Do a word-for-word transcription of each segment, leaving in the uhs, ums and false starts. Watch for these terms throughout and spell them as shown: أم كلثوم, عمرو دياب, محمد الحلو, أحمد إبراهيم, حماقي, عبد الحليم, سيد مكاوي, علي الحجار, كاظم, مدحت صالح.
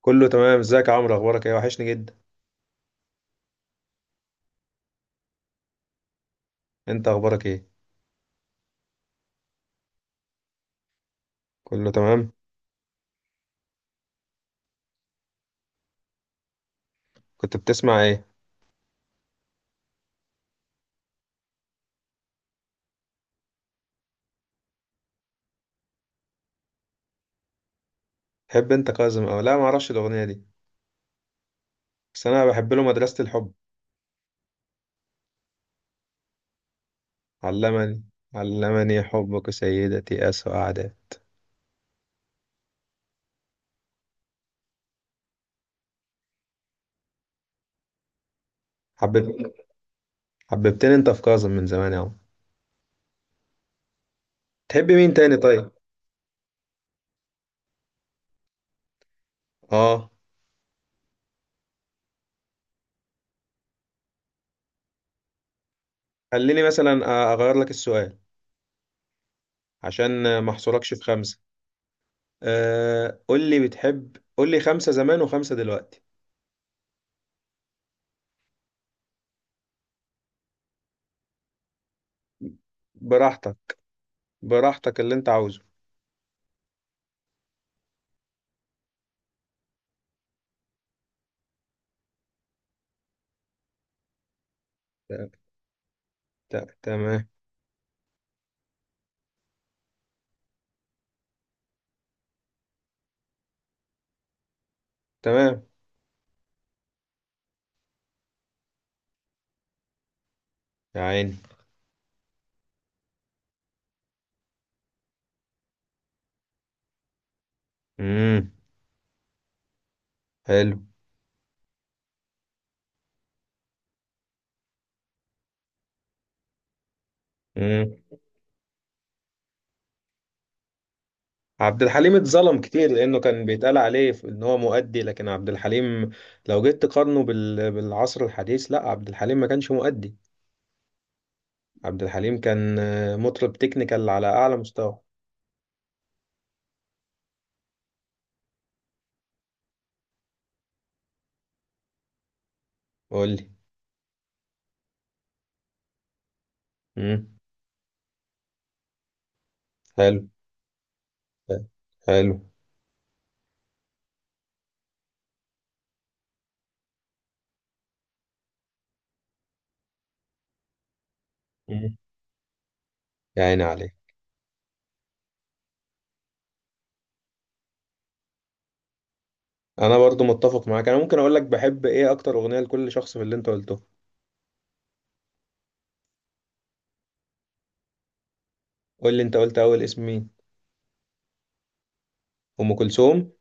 كله تمام. ازيك يا عمرو؟ اخبارك ايه؟ وحشني جدا. انت اخبارك ايه؟ كله تمام. كنت بتسمع ايه؟ تحب انت كاظم او لا؟ ما اعرفش الاغنيه دي، بس انا بحب له مدرسه الحب. علمني، علمني حبك سيدتي اسوء اعداء. حبب حببتني انت في كاظم من زمان يا عمرو. تحب مين تاني طيب؟ اه خليني مثلا أ- اغير لك السؤال عشان ما احصركش في خمسه. آه قول لي بتحب، قول لي خمسه زمان وخمسه دلوقتي. براحتك، براحتك اللي انت عاوزه. ت- ت- تمام. تمام. يا عيني. امم حلو. امم عبد الحليم اتظلم كتير لانه كان بيتقال عليه ف- ان هو مؤدي، لكن عبد الحليم لو جيت تقارنه بال... بالعصر الحديث، لا عبد الحليم ما كانش مؤدي. عبد الحليم كان آه، مطرب تكنيكال على اعلى مستوى. قول لي. امم حلو. حلو. مم. يا عيني عليك. انا برضو متفق معاك، انا ممكن اقول لك بحب ايه اكتر اغنيه لكل شخص في اللي انت قلته. قول لي، انت قلت اول اسم مين؟ ام كلثوم.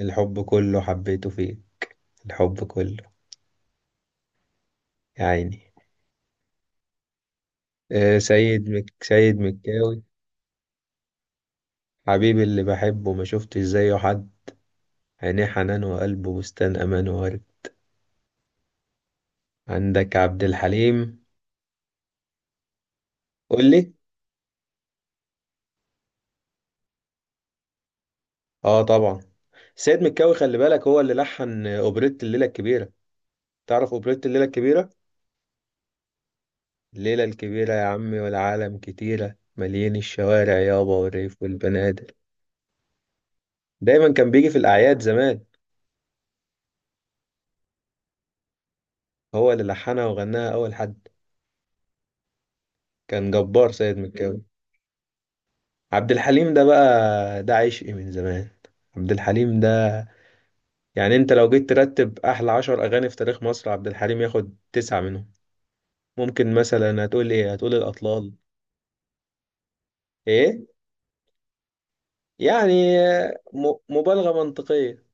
الحب كله حبيته فيه. الحب كله. يا عيني. آه، سيد مك... سيد مكاوي. حبيبي اللي بحبه ما شفتش زيه حد، عينيه حنان وقلبه بستان امان وورد. عندك عبد الحليم. قول لي. اه طبعا. سيد مكاوي خلي بالك هو اللي لحن اوبريت الليله الكبيره. تعرف اوبريت الليله الكبيره؟ الليله الكبيره يا عمي والعالم كتيره، مليان الشوارع يابا والريف والبنادق. دايما كان بيجي في الاعياد زمان. هو اللي لحنها وغناها اول حد. كان جبار سيد مكاوي. عبد الحليم ده بقى ده عشقي من زمان. عبد الحليم ده يعني انت لو جيت ترتب احلى عشر اغاني في تاريخ مصر عبد الحليم ياخد تسعة منهم. ممكن مثلا هتقول ايه؟ هتقول الاطلال. ايه؟ يعني م- مبالغة منطقية.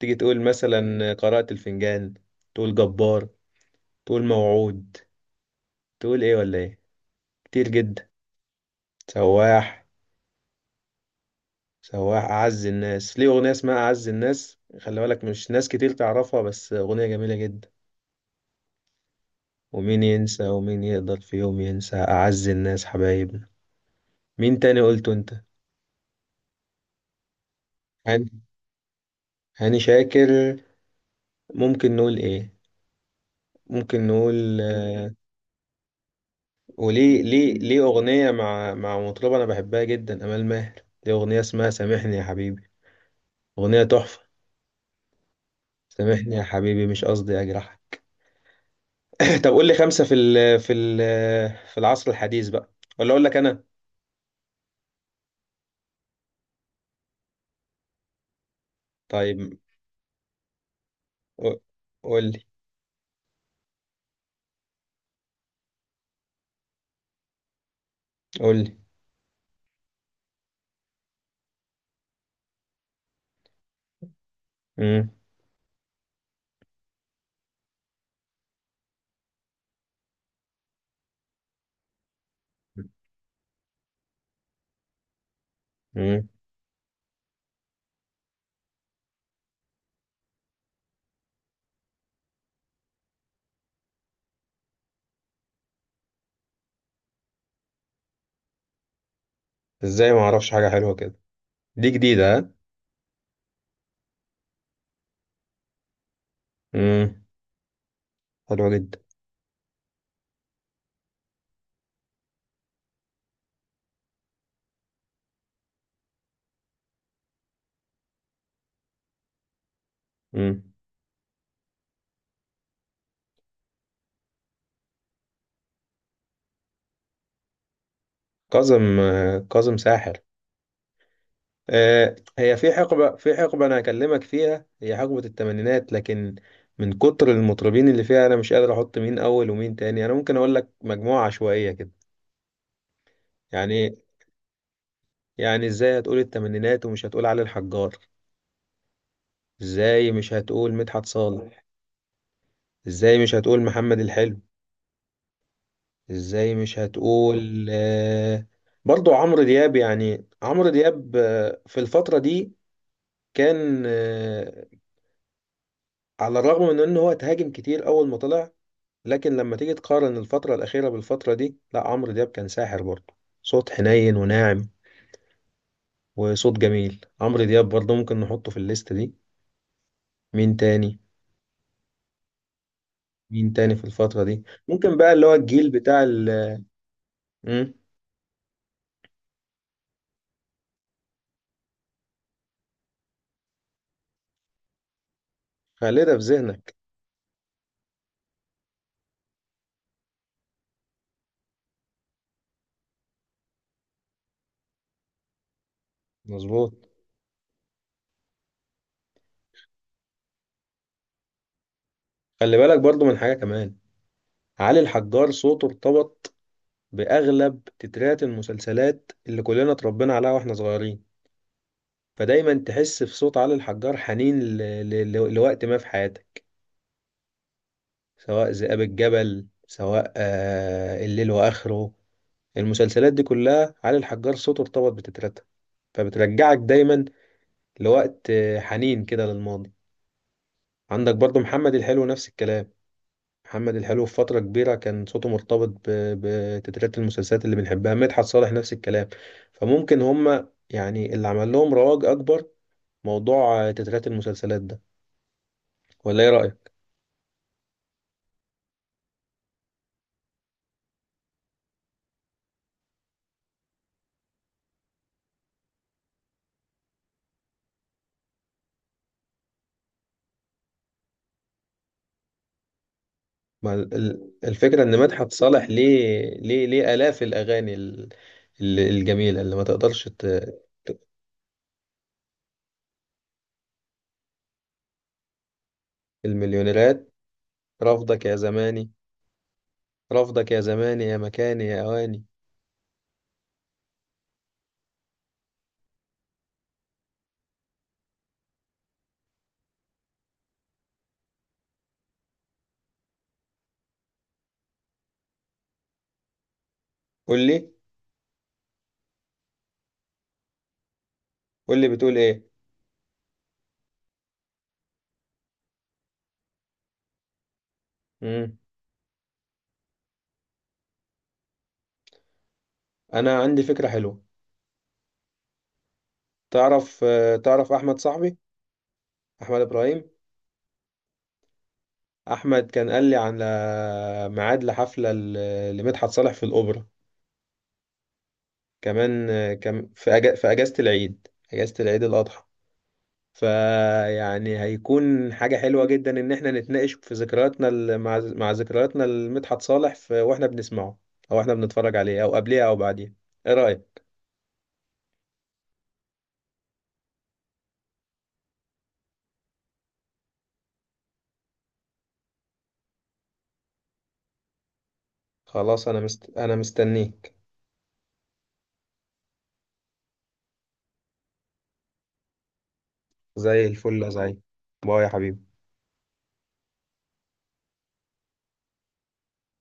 تيجي تقول مثلا قراءة الفنجان، تقول جبار، تقول موعود، تقول ايه ولا ايه. كتير جدا. سواح. سواح اعز الناس، ليه اغنية اسمها اعز الناس، خلي بالك مش ناس كتير تعرفها، بس اغنية جميلة جدا. ومين ينسى ومين يقدر في يوم ينسى أعز الناس حبايبنا. مين تاني قلته انت؟ هاني هاني شاكر. ممكن نقول ايه؟ ممكن نقول وليه ليه ليه أغنية مع مع مطربة أنا بحبها جدا، أمال ماهر. دي أغنية اسمها سامحني يا حبيبي، أغنية تحفة. سامحني يا حبيبي مش قصدي أجرحك. طب قول لي خمسة في ال في ال في العصر الحديث بقى، ولا أقول لك أنا؟ طيب. قو- قول لي، قول لي. مم. مم. إزاي ما أعرفش حاجة حلوة كده؟ دي جديدة ها. امم حلوة جدا. امم كاظم. آه، كاظم ساحر. آه، هي في حقبة في حقبة أنا هكلمك فيها، هي حقبة الثمانينات. لكن من كتر المطربين اللي فيها أنا مش قادر أحط مين أول ومين تاني. أنا ممكن أقول لك مجموعة عشوائية كده. يعني، يعني إزاي هتقول الثمانينات ومش هتقول علي الحجار؟ إزاي مش هتقول مدحت صالح؟ إزاي مش هتقول محمد الحلو؟ إزاي مش هتقول آه، برضو عمرو دياب؟ يعني عمرو دياب آه، في الفترة دي كان، آه، على الرغم من ان هو اتهاجم كتير اول ما طلع، لكن لما تيجي تقارن الفترة الأخيرة بالفترة دي، لا عمرو دياب كان ساحر برضه. صوت حنين وناعم وصوت جميل. عمرو دياب برضه ممكن نحطه في الليستة دي. مين تاني؟ مين تاني في الفترة دي؟ ممكن بقى اللي هو الجيل بتاع ال مم، خلينا في ذهنك. مظبوط. خلي بالك برضه من حاجة كمان. علي الحجار صوته ارتبط بأغلب تترات المسلسلات اللي كلنا اتربينا عليها واحنا صغيرين، فدايما تحس في صوت علي الحجار حنين ل... ل... ل... لوقت ما في حياتك. سواء ذئاب الجبل، سواء آه الليل واخره، المسلسلات دي كلها علي الحجار صوته ارتبط بتترتها. فبترجعك دايما لوقت آه، حنين كده للماضي. عندك برضو محمد الحلو نفس الكلام. محمد الحلو في فترة كبيرة كان صوته مرتبط ب- بتترات المسلسلات اللي بنحبها. مدحت صالح نفس الكلام. فممكن هما يعني اللي عمل لهم رواج أكبر موضوع آه، تترات المسلسلات ده. ولا إيه رأيك؟ ما ال- ال- الفكرة إن مدحت صالح ليه ليه ليه آلاف الأغاني ال- ال- الجميلة اللي ما تقدرش ت... المليونيرات. رفضك يا زماني، رفضك يا زماني يا مكاني يا أواني. قول لي، قول لي بتقول إيه. مم. أنا عندي فكرة حلوة. تعرف آه، تعرف أحمد صاحبي، أحمد إبراهيم. أحمد كان قال لي على ميعاد لحفلة ل- لمدحت صالح في الأوبرا. كمان آه، كم... في أج... في أجازة العيد، أجازة العيد الأضحى. فيعني هيكون حاجة حلوة جدا إن إحنا نتناقش في ذكرياتنا ال- مع مع ذكرياتنا لمدحت صالح، في وإحنا بنسمعه، أو إحنا بنتفرج عليه، أو قبليه أو بعديه. إيه رأيك؟ خلاص، أنا مست... أنا مستنيك. زي الفل يا زعيم. باي يا حبيبي.